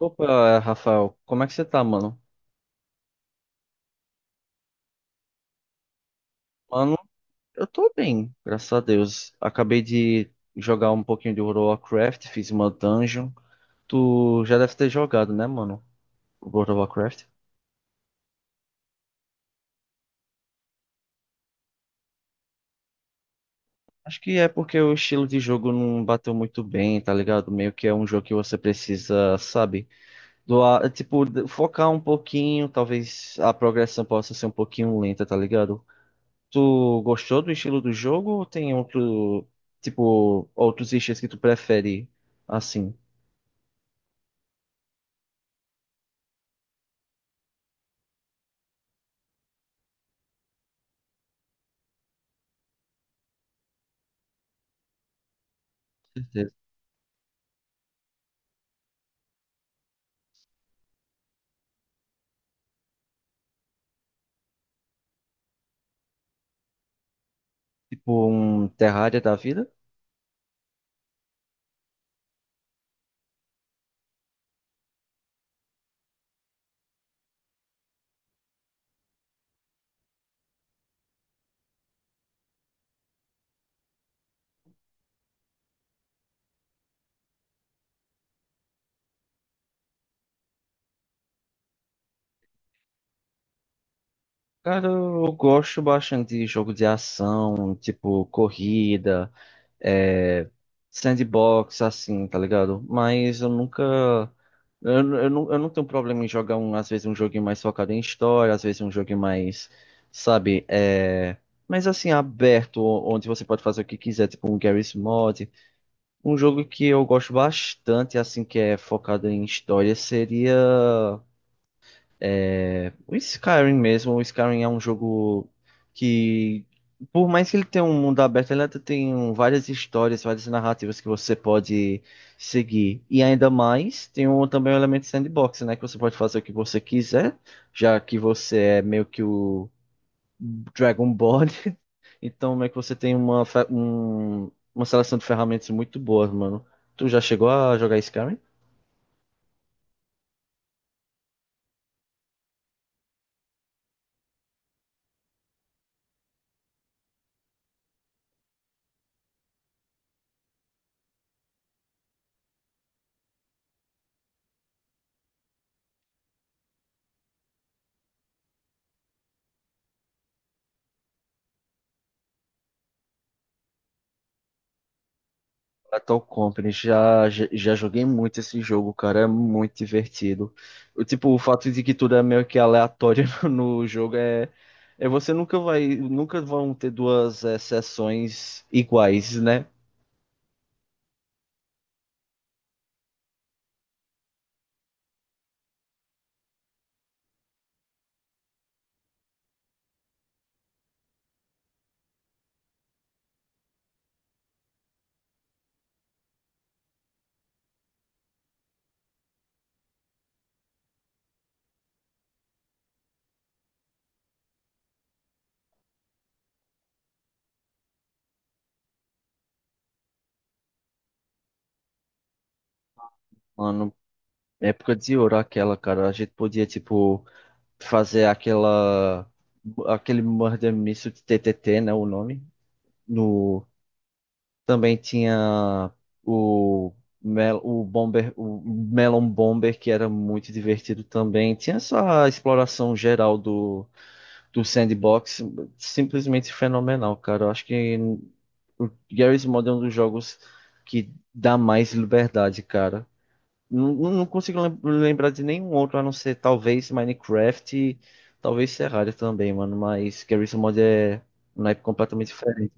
Opa, Rafael, como é que você tá, mano? Mano, eu tô bem, graças a Deus. Acabei de jogar um pouquinho de World of Warcraft, fiz uma dungeon. Tu já deve ter jogado, né, mano? World of Warcraft. Acho que é porque o estilo de jogo não bateu muito bem, tá ligado? Meio que é um jogo que você precisa, sabe? Doar, tipo, focar um pouquinho, talvez a progressão possa ser um pouquinho lenta, tá ligado? Tu gostou do estilo do jogo ou tem outro, tipo, outros estilos que tu prefere? Assim, certeza. Tipo um Terraria da vida? Cara, eu gosto bastante de jogo de ação, tipo corrida, é, sandbox, assim, tá ligado? Mas eu nunca. Não, eu não tenho problema em jogar, um, às vezes, um joguinho mais focado em história, às vezes, um joguinho mais, sabe? É, mas assim, aberto, onde você pode fazer o que quiser, tipo um Garry's Mod. Um jogo que eu gosto bastante, assim, que é focado em história, seria. O Skyrim mesmo, o Skyrim é um jogo que, por mais que ele tenha um mundo aberto, ele até tem várias histórias, várias narrativas que você pode seguir. E ainda mais, tem um, também o elemento sandbox, né? Que você pode fazer o que você quiser, já que você é meio que o Dragonborn. Então, meio que você tem uma, uma seleção de ferramentas muito boas, mano. Tu já chegou a jogar Skyrim? Lethal Company, já joguei muito esse jogo, cara, é muito divertido. O, tipo, o fato de que tudo é meio que aleatório no jogo é, é você nunca vai, nunca vão ter duas sessões iguais, né? Mano, época de ouro aquela, cara, a gente podia, tipo, fazer aquela, aquele Murder Mystery TTT, né, o nome. Também tinha o, Mel, o Bomber, o Melon Bomber, que era muito divertido também. Tinha essa exploração geral do, do sandbox, simplesmente fenomenal, cara. Eu acho que o Garry's Mod é um dos jogos que dá mais liberdade, cara. Não, não consigo lembrar de nenhum outro, a não ser talvez Minecraft e talvez Terraria também, mano. Mas Garry's Mod é um naipe completamente diferente.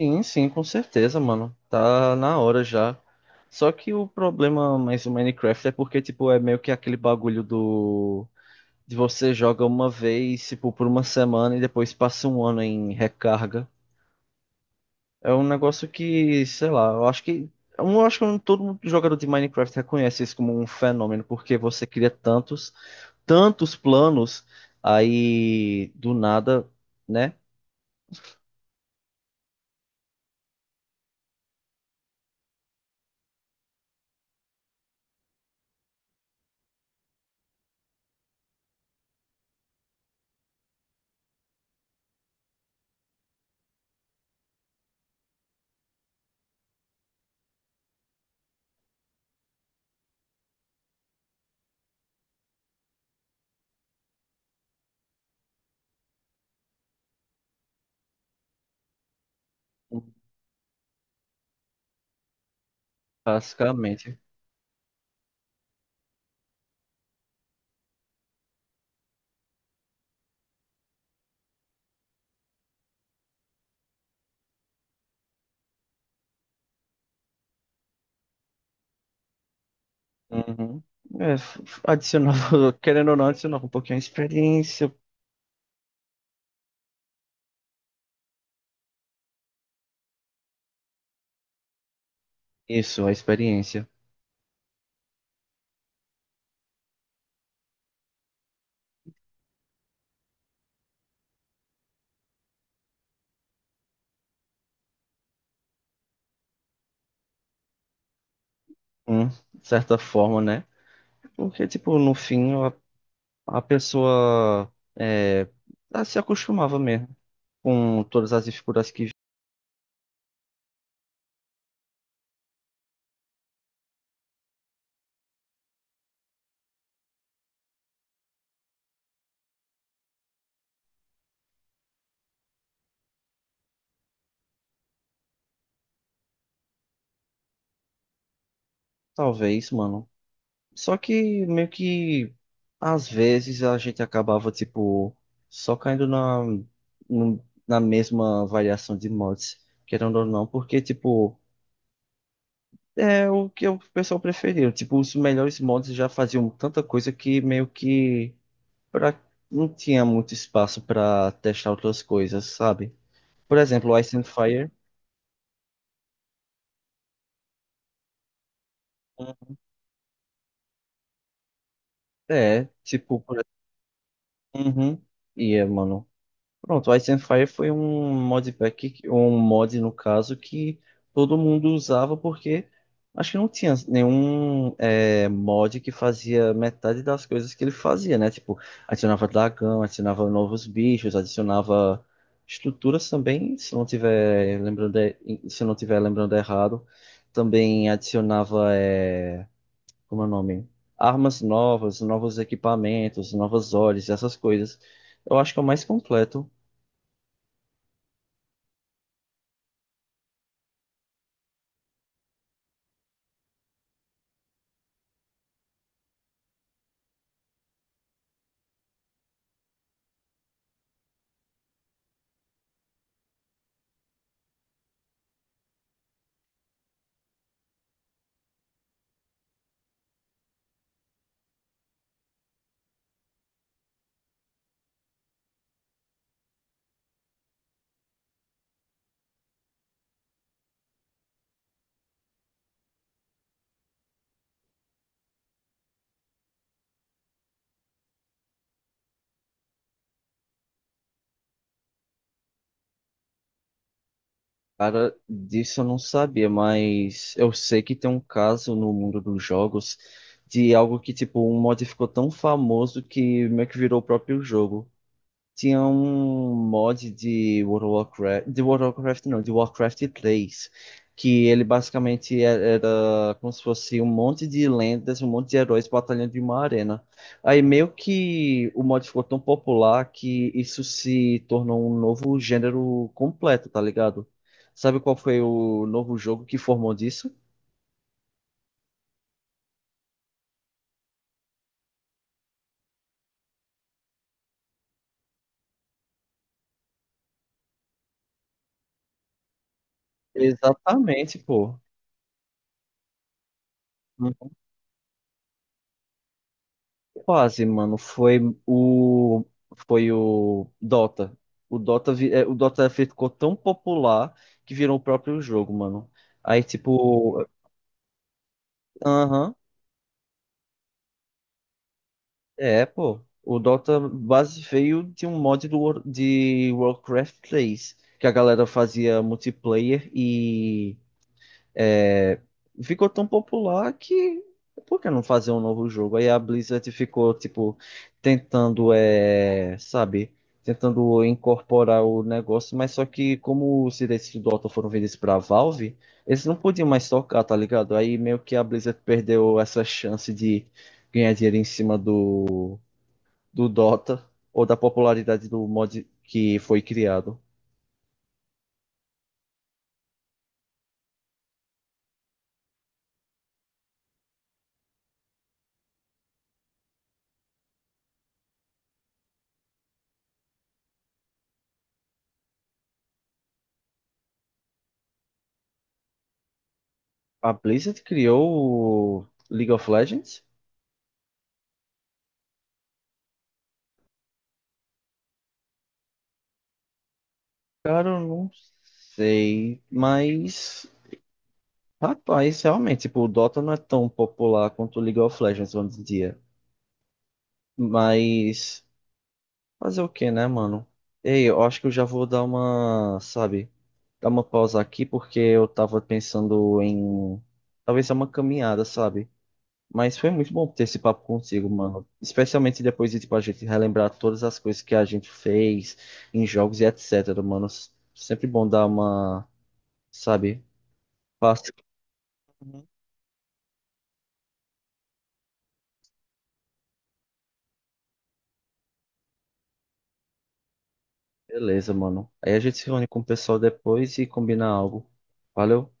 Sim, sim, com certeza, mano. Tá na hora já. Só que o problema mais do Minecraft é porque, tipo, é meio que aquele bagulho do... De você joga uma vez, tipo, por uma semana e depois passa um ano em recarga. É um negócio que, sei lá, eu acho que... Eu acho que todo jogador de Minecraft reconhece isso como um fenômeno, porque você cria tantos, tantos planos, aí do nada, né? Basicamente. Uhum. É, adicionava, querendo ou não, adicionava um pouquinho a experiência. Isso, a experiência. De certa forma, né? Porque, tipo, no fim, a pessoa é, ela se acostumava mesmo com todas as dificuldades que talvez, mano. Só que meio que às vezes a gente acabava, tipo, só caindo na, na mesma variação de mods, querendo ou não, porque, tipo. É o que o pessoal preferiu. Tipo, os melhores mods já faziam tanta coisa que meio que pra... não tinha muito espaço pra testar outras coisas, sabe? Por exemplo, o Ice and Fire. É, tipo, por... Uhum. E é, mano, pronto, o Ice and Fire foi um modpack, um mod no caso, que todo mundo usava porque acho que não tinha nenhum é, mod que fazia metade das coisas que ele fazia, né? Tipo, adicionava dragão, adicionava novos bichos, adicionava estruturas também, se não tiver lembrando, se não tiver lembrando errado, também adicionava, é, como é o nome? Armas novas, novos equipamentos, novas olhos, essas coisas. Eu acho que é o mais completo. Cara, disso eu não sabia, mas eu sei que tem um caso no mundo dos jogos de algo que, tipo, um mod ficou tão famoso que meio que virou o próprio jogo. Tinha um mod de World of Warcraft, de World of Warcraft não, de Warcraft 3, que ele basicamente era como se fosse um monte de lendas, um monte de heróis batalhando em uma arena. Aí meio que o mod ficou tão popular que isso se tornou um novo gênero completo, tá ligado? Sabe qual foi o novo jogo que formou disso? Exatamente, pô. Quase, mano. Foi o o Dota. O Dota o Dota ficou tão popular que virou o próprio jogo, mano. Aí tipo, aham, é, pô. O Dota base veio de um mod do de Warcraft 3, que a galera fazia multiplayer e é, ficou tão popular que por que não fazer um novo jogo? Aí a Blizzard ficou, tipo, tentando, é, sabe, tentando incorporar o negócio, mas só que como os direitos do Dota foram vendidos pra Valve, eles não podiam mais tocar, tá ligado? Aí meio que a Blizzard perdeu essa chance de ganhar dinheiro em cima do, do Dota ou da popularidade do mod que foi criado. A Blizzard criou o League of Legends? Cara, eu não sei, mas rapaz, realmente, tipo, o Dota não é tão popular quanto o League of Legends hoje em dia. Mas fazer o que, né, mano? Ei, eu acho que eu já vou dar uma, sabe, dar uma pausa aqui porque eu tava pensando em talvez dar uma caminhada, sabe? Mas foi muito bom ter esse papo contigo, mano. Especialmente depois de, tipo, a gente relembrar todas as coisas que a gente fez em jogos e etc, mano. Sempre bom dar uma, sabe? Uhum. Beleza, mano. Aí a gente se reúne com o pessoal depois e combina algo. Valeu.